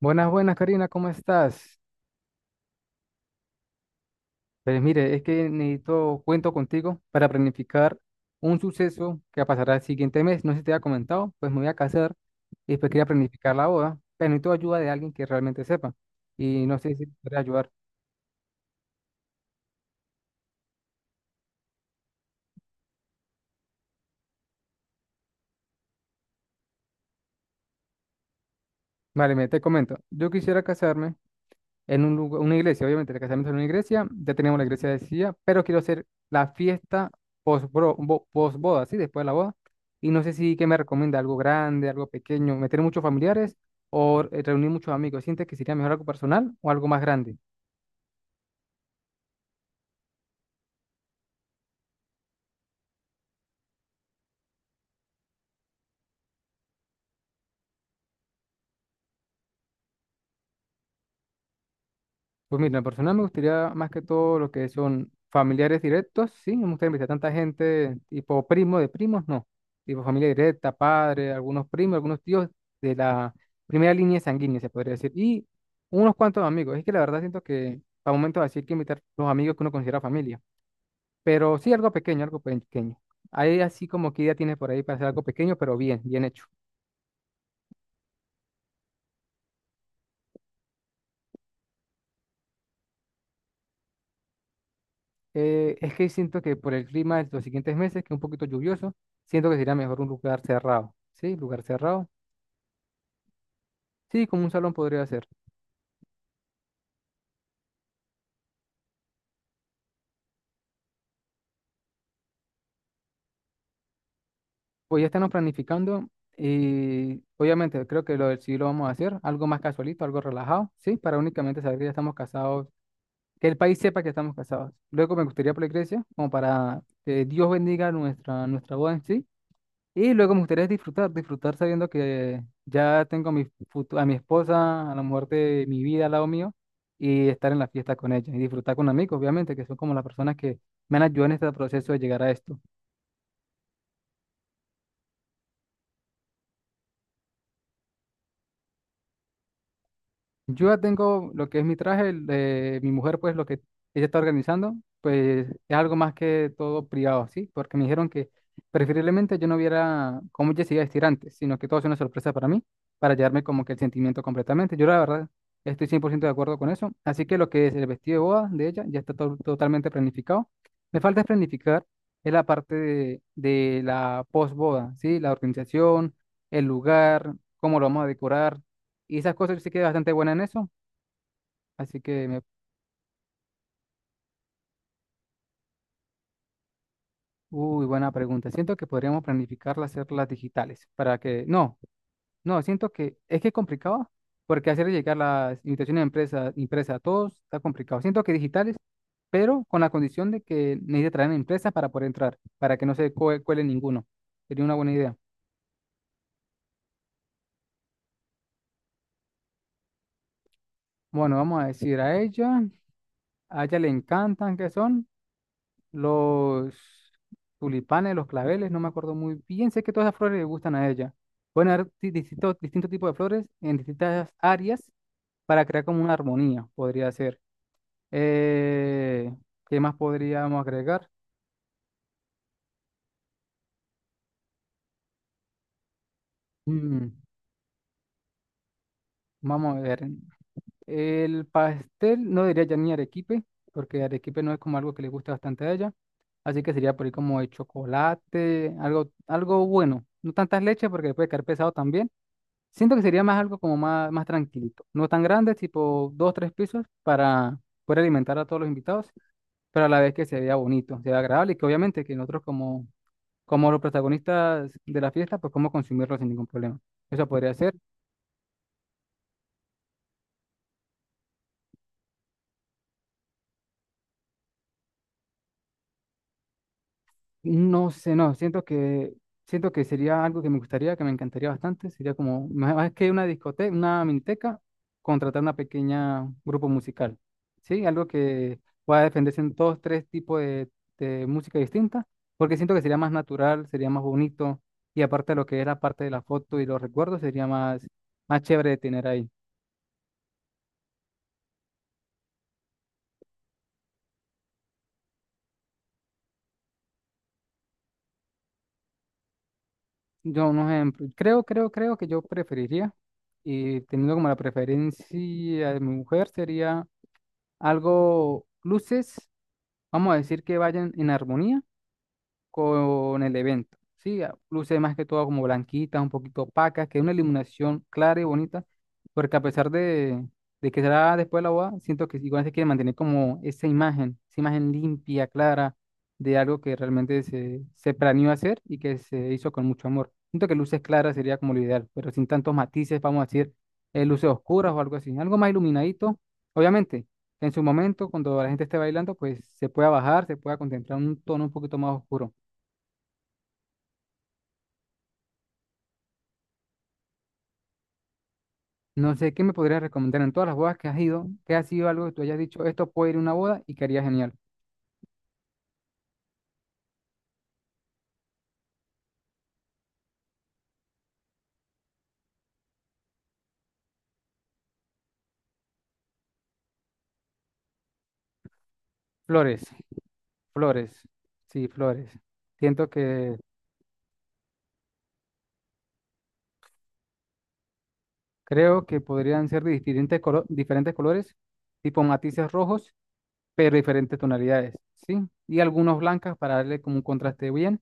Buenas, buenas, Karina, ¿cómo estás? Pues mire, es que necesito cuento contigo para planificar un suceso que pasará el siguiente mes. No sé si te había comentado, pues me voy a casar y después quería planificar la boda, pero necesito ayuda de alguien que realmente sepa. Y no sé si me podría ayudar. Vale, me te comento. Yo quisiera casarme en un una iglesia, obviamente, el casamiento en una iglesia, ya tenemos la iglesia decidida, pero quiero hacer la fiesta post, boda, ¿sí? Después de la boda. Y no sé si qué me recomienda, algo grande, algo pequeño, meter muchos familiares o reunir muchos amigos. ¿Sientes que sería mejor algo personal o algo más grande? Pues mira, en persona me gustaría más que todo lo que son familiares directos, sí, no me gustaría invitar tanta gente, tipo primo de primos, no, tipo familia directa, padre, algunos primos, algunos tíos de la primera línea sanguínea, se podría decir, y unos cuantos amigos. Es que la verdad siento que para momentos así hay que invitar los amigos que uno considera familia, pero sí algo pequeño, algo pequeño. Ahí así como que idea tienes por ahí para hacer algo pequeño, pero bien, bien hecho. Es que siento que por el clima de los siguientes meses, que es un poquito lluvioso, siento que sería mejor un lugar cerrado. ¿Sí? Lugar cerrado. Sí, como un salón podría ser. Pues ya estamos planificando y obviamente creo que lo del sí lo vamos a hacer, algo más casualito, algo relajado, ¿sí? Para únicamente saber que ya estamos casados, que el país sepa que estamos casados. Luego me gustaría por la iglesia, como para que Dios bendiga nuestra boda en sí. Y luego me gustaría disfrutar sabiendo que ya tengo a mi, a mi esposa, a la mujer de mi vida al lado mío, y estar en la fiesta con ella, y disfrutar con amigos, obviamente, que son como las personas que me han ayudado en este proceso de llegar a esto. Yo ya tengo lo que es mi traje, el de mi mujer, pues lo que ella está organizando, pues es algo más que todo privado, ¿sí? Porque me dijeron que preferiblemente yo no viera cómo ella se iba a vestir antes, sino que todo sea una sorpresa para mí, para llevarme como que el sentimiento completamente. Yo la verdad estoy 100% de acuerdo con eso, así que lo que es el vestido de boda de ella ya está totalmente planificado. Me falta es planificar es la parte de la posboda, ¿sí? La organización, el lugar, cómo lo vamos a decorar y esas cosas yo sí que es bastante buena en eso. Así que, me... Uy, buena pregunta. Siento que podríamos planificarlas, hacerlas digitales para que, no, no, siento que es complicado porque hacer llegar las invitaciones a empresas, impresas a todos está complicado. Siento que digitales, pero con la condición de que necesite traer empresas para poder entrar, para que no se cuele ninguno. Sería una buena idea. Bueno, vamos a decir a ella le encantan qué son los tulipanes, los claveles, no me acuerdo muy bien. Sé que todas las flores le gustan a ella. Pueden haber distintos, distintos tipos de flores en distintas áreas para crear como una armonía, podría ser. Eh, ¿Qué más podríamos agregar? Mm, Vamos a ver. El pastel no diría ya ni arequipe, porque arequipe no es como algo que le gusta bastante a ella. Así que sería por ahí como de chocolate, algo, algo bueno. No tantas leches porque le puede caer pesado también. Siento que sería más algo como más, más tranquilito. No tan grande, tipo dos, tres pisos para poder alimentar a todos los invitados, pero a la vez que se vea bonito, se vea agradable y que obviamente que nosotros como, como los protagonistas de la fiesta, pues cómo consumirlo sin ningún problema. Eso podría ser. No sé, no, siento que sería algo que me gustaría, que me encantaría bastante. Sería como, más más que una discoteca, una miniteca, contratar una pequeña grupo musical. Sí, algo que pueda defenderse en todos tres tipos de música distinta, porque siento que sería más natural, sería más bonito, y aparte de lo que es la parte de la foto y los recuerdos, sería más, más chévere de tener ahí. Yo, un ejemplo, creo que yo preferiría, y teniendo como la preferencia de mi mujer, sería algo luces, vamos a decir que vayan en armonía con el evento. Sí, luce más que todo como blanquitas, un poquito opacas, que es una iluminación clara y bonita, porque a pesar de que será después de la boda, siento que igual se quiere mantener como esa imagen limpia, clara, de algo que realmente se planeó hacer y que se hizo con mucho amor. Siento que luces claras sería como lo ideal, pero sin tantos matices, vamos a decir, luces oscuras o algo así, algo más iluminadito, obviamente en su momento, cuando la gente esté bailando, pues se pueda bajar, se pueda contemplar un tono un poquito más oscuro. No sé, ¿qué me podrías recomendar en todas las bodas que has ido? ¿Qué ha sido algo que tú hayas dicho, esto puede ir a una boda y que haría genial? Flores, flores, sí, flores. Siento que creo que podrían ser de diferentes, diferentes colores, tipo matices rojos, pero diferentes tonalidades, ¿sí? Y algunos blancas para darle como un contraste bien.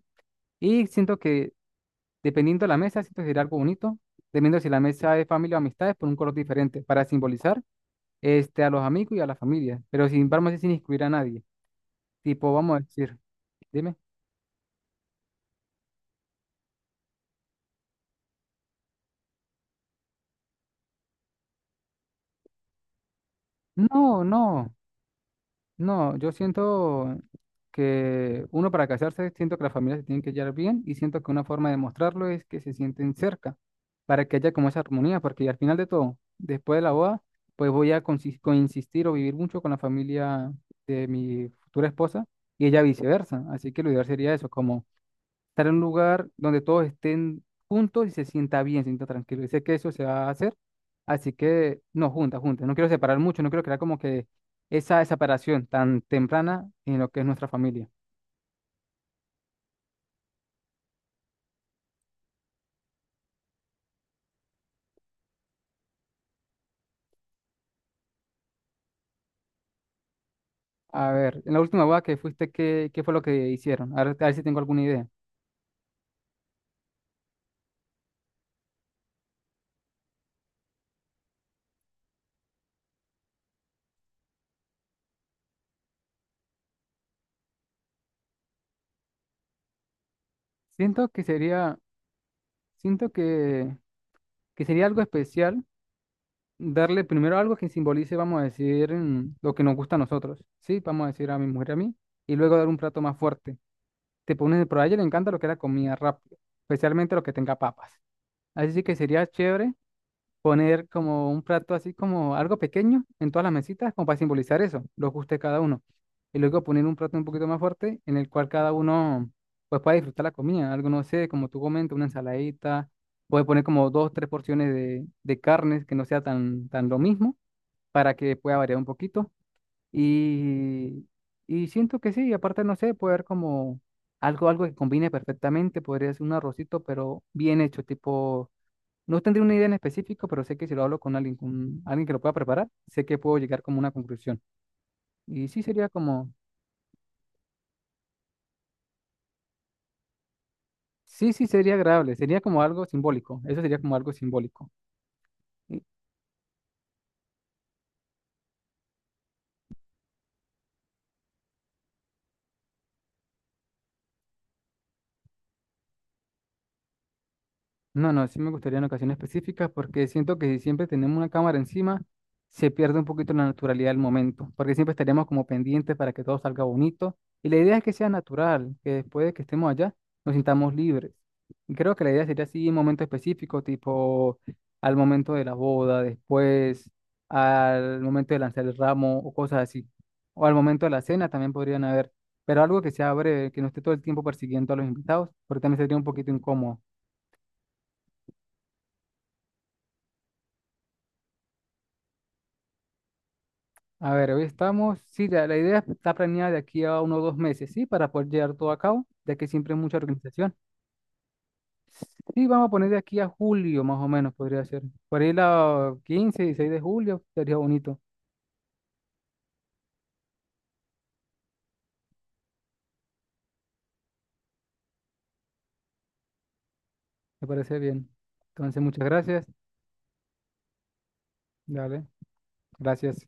Y siento que dependiendo de la mesa, siento que sería algo bonito, dependiendo si la mesa es familia o amistades, por un color diferente, para simbolizar este, a los amigos y a la familia, pero sin embargo, sin excluir a nadie. Tipo, vamos a decir, dime. No, no, no, yo siento que uno para casarse, siento que las familias se tienen que llevar bien y siento que una forma de mostrarlo es que se sienten cerca, para que haya como esa armonía, porque al final de todo, después de la boda, pues voy a coinsistir o vivir mucho con la familia de mi futura esposa y ella viceversa. Así que lo ideal sería eso, como estar en un lugar donde todos estén juntos y se sienta bien, se sienta tranquilo. Y sé que eso se va a hacer, así que no, juntas, juntas. No quiero separar mucho, no quiero crear como que esa separación tan temprana en lo que es nuestra familia. A ver, en la última boda que fuiste, ¿qué fue lo que hicieron? A ver si tengo alguna idea. Siento que sería, siento que sería algo especial darle primero algo que simbolice, vamos a decir, lo que nos gusta a nosotros, ¿sí? Vamos a decir a mi mujer y a mí, y luego dar un plato más fuerte te ponen, pero a ella le encanta lo que es la comida rápida, especialmente lo que tenga papas. Así sí que sería chévere poner como un plato así como algo pequeño en todas las mesitas, como para simbolizar eso, lo que guste cada uno. Y luego poner un plato un poquito más fuerte en el cual cada uno pues pueda disfrutar la comida, algo no sé, como tú comentas, una ensaladita, puede poner como dos, tres porciones de carnes que no sea tan, tan lo mismo para que pueda variar un poquito y, y siento que sí, y aparte no sé, puede haber como algo, algo que combine perfectamente, podría ser un arrocito, pero bien hecho, tipo, no tendría una idea en específico, pero sé que si lo hablo con alguien que lo pueda preparar, sé que puedo llegar como a una conclusión. Y sí sería como, sí, sí sería agradable, sería como algo simbólico, eso sería como algo simbólico. No, no, sí me gustaría en ocasiones específicas porque siento que si siempre tenemos una cámara encima, se pierde un poquito la naturalidad del momento, porque siempre estaríamos como pendientes para que todo salga bonito. Y la idea es que sea natural, que después de que estemos allá nos sintamos libres. Y creo que la idea sería así en momentos específicos, tipo al momento de la boda, después, al momento de lanzar el ramo o cosas así. O al momento de la cena también podrían haber, pero algo que sea breve, que no esté todo el tiempo persiguiendo a los invitados, porque también sería un poquito incómodo. A ver, hoy estamos, sí, la idea está planeada de aquí a uno o dos meses, ¿sí? Para poder llevar todo a cabo, ya que siempre es mucha organización. Sí, vamos a poner de aquí a julio, más o menos, podría ser. Por ahí la 15, 16 de julio, sería bonito, me parece bien. Entonces, muchas gracias. Dale, gracias.